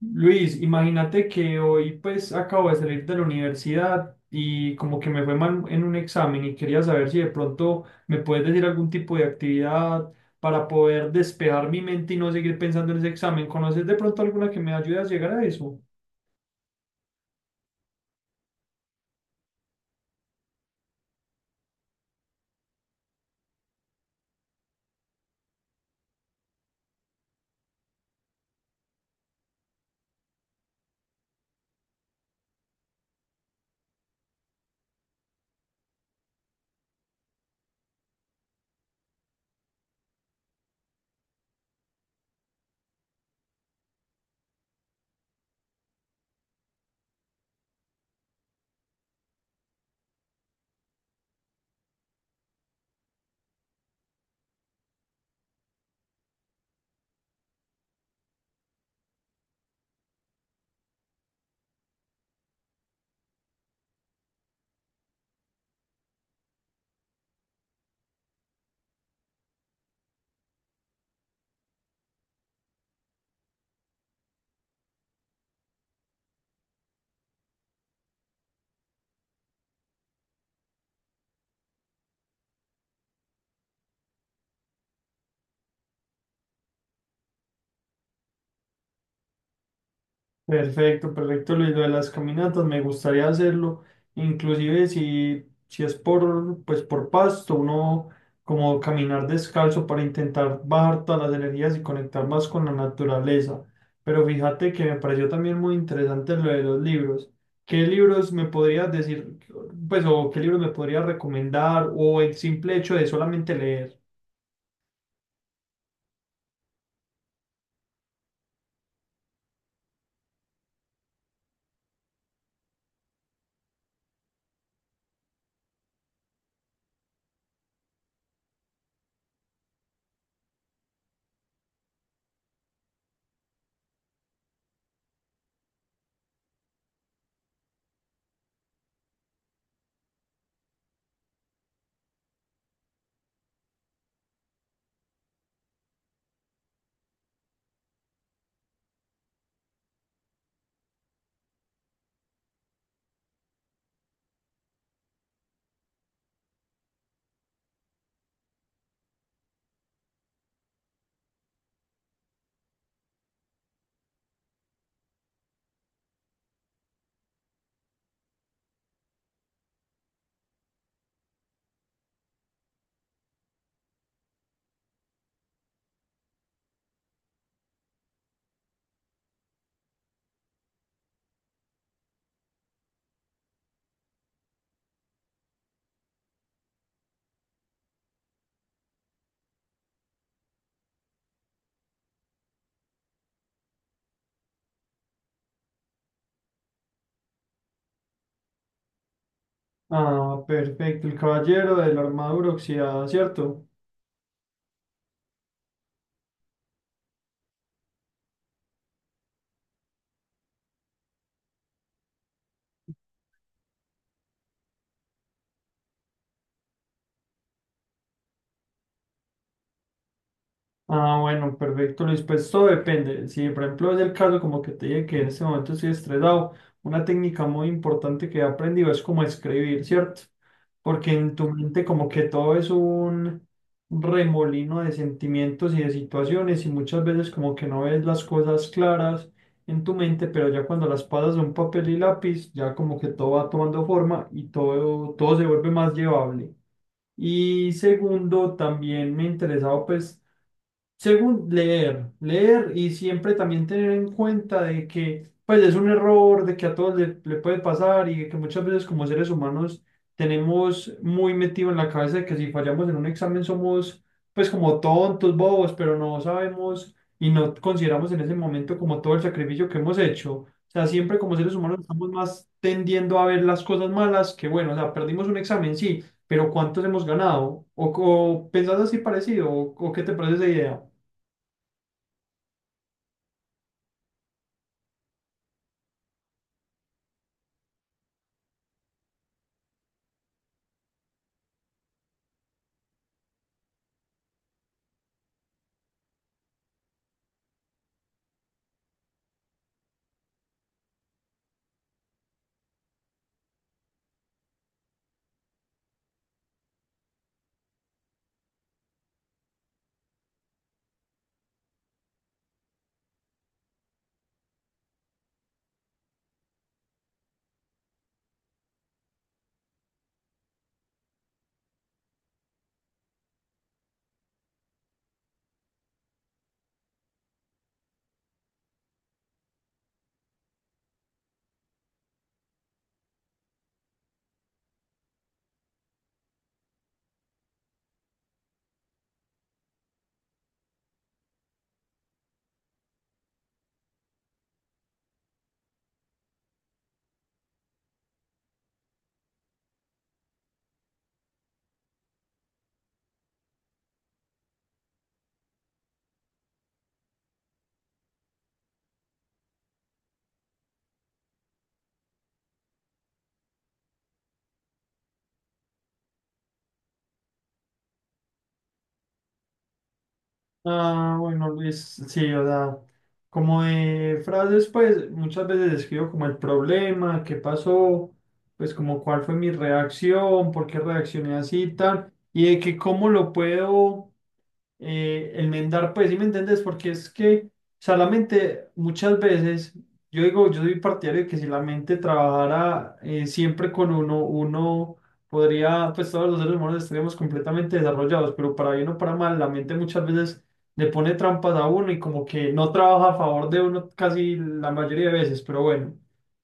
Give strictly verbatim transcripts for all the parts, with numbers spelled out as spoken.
Luis, imagínate que hoy pues acabo de salir de la universidad y como que me fue mal en un examen y quería saber si de pronto me puedes decir algún tipo de actividad para poder despejar mi mente y no seguir pensando en ese examen. ¿Conoces de pronto alguna que me ayude a llegar a eso? Perfecto, perfecto. Luis, lo de las caminatas me gustaría hacerlo, inclusive si, si es por, pues por pasto, uno como caminar descalzo para intentar bajar todas las energías y conectar más con la naturaleza. Pero fíjate que me pareció también muy interesante lo de los libros. ¿Qué libros me podrías decir, pues, o qué libros me podrías recomendar, o el simple hecho de solamente leer? Ah, perfecto, El Caballero de la Armadura Oxidada, ¿cierto? Ah, bueno, perfecto, Luis. Pues todo depende. Si, por ejemplo, es el caso, como que te dije que en este momento estoy estresado, una técnica muy importante que he aprendido es como escribir, ¿cierto? Porque en tu mente como que todo es un remolino de sentimientos y de situaciones, y muchas veces como que no ves las cosas claras en tu mente, pero ya cuando las pasas a un papel y lápiz, ya como que todo va tomando forma y todo, todo se vuelve más llevable. Y segundo, también me interesaba pues según leer, leer, y siempre también tener en cuenta de que pues es un error, de que a todos le, le puede pasar, y que muchas veces como seres humanos tenemos muy metido en la cabeza de que si fallamos en un examen somos pues como tontos, bobos, pero no sabemos y no consideramos en ese momento como todo el sacrificio que hemos hecho. O sea, siempre como seres humanos estamos más tendiendo a ver las cosas malas que bueno. O sea, perdimos un examen, sí, pero ¿cuántos hemos ganado? O, o pensás así parecido, o, o ¿qué te parece esa idea? Ah, bueno, es, sí, o sea, como de frases, pues muchas veces escribo como el problema, qué pasó, pues como cuál fue mi reacción, por qué reaccioné así y tal, y de que cómo lo puedo eh, el mendar, pues, ¿sí me entendés? Porque es que, o sea, la mente muchas veces, yo digo, yo soy partidario de que si la mente trabajara eh, siempre con uno, uno podría, pues todos los seres humanos estaríamos completamente desarrollados, pero para bien o para mal, la mente muchas veces le pone trampas a uno y como que no trabaja a favor de uno casi la mayoría de veces, pero bueno,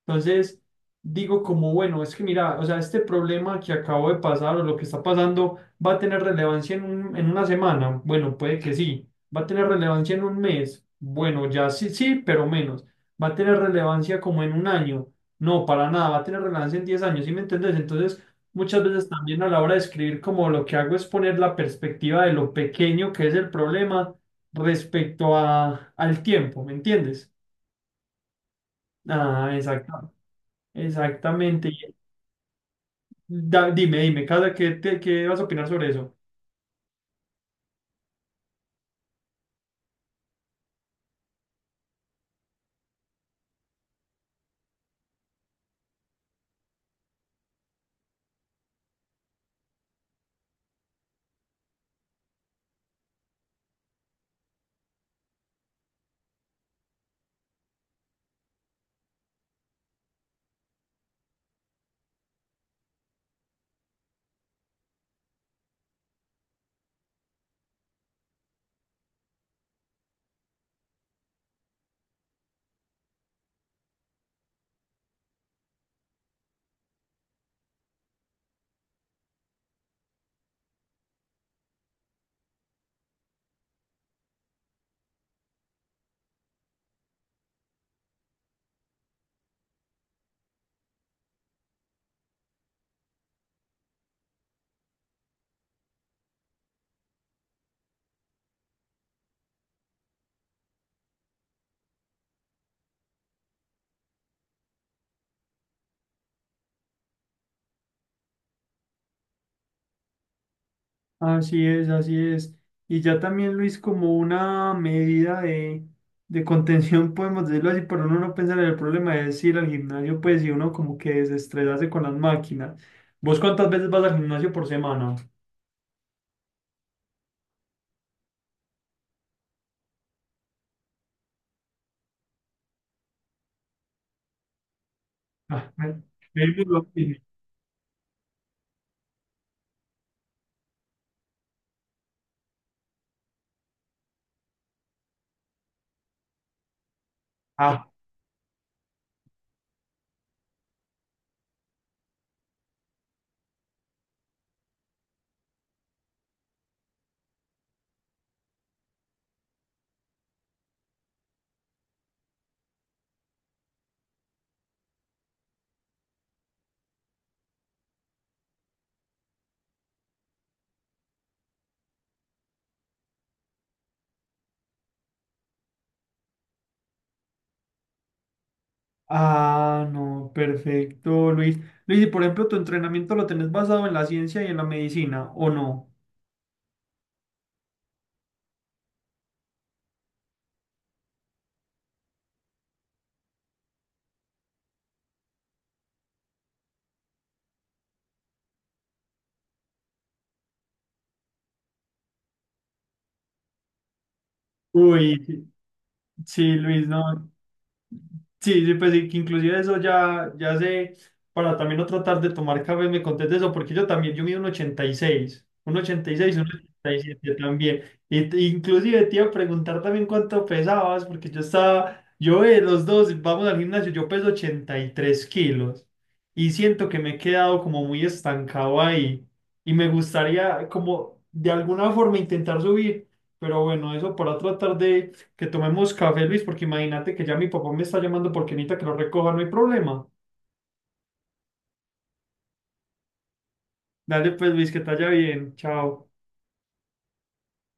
entonces digo como, bueno, es que mira, o sea, este problema que acabo de pasar o lo que está pasando, ¿va a tener relevancia en un- en una semana? Bueno, puede que sí. ¿Va a tener relevancia en un mes? Bueno, ya sí, sí, pero menos. ¿Va a tener relevancia como en un año? No, para nada. ¿Va a tener relevancia en diez años? ¿Sí me entendés? Entonces, muchas veces también a la hora de escribir, como lo que hago es poner la perspectiva de lo pequeño que es el problema respecto a, al tiempo, ¿me entiendes? Ah, exacto, exactamente. Da- dime, dime, Casa, ¿qué, te- qué vas a opinar sobre eso? Así es, así es. Y ya también, Luis, como una medida de, de, contención, podemos decirlo así, pero uno no pensar en el problema de ir al gimnasio, pues, y uno como que desestresarse con las máquinas. ¿Vos cuántas veces vas al gimnasio por semana? Ah, me- me- lo mismo. Ah, ah, no, perfecto, Luis. Luis, y por ejemplo, ¿tu entrenamiento lo tenés basado en la ciencia y en la medicina o no? Uy, sí, sí, Luis, no. Sí, sí, pues sí, que inclusive eso ya, ya sé, para también no tratar de tomar café, me contés eso, porque yo también, yo mido un ochenta y seis un ochenta y seis un ochenta y siete también. Y, t- inclusive te iba a preguntar también cuánto pesabas, porque yo estaba, yo eh, los dos vamos al gimnasio, yo peso ochenta y tres kilos y siento que me he quedado como muy estancado ahí, y me gustaría como de alguna forma intentar subir, pero bueno, eso para tratar de que tomemos café, Luis, porque imagínate que ya mi papá me está llamando porque necesita que lo recoja, no hay problema. Dale pues, Luis, que te vaya bien. Chao.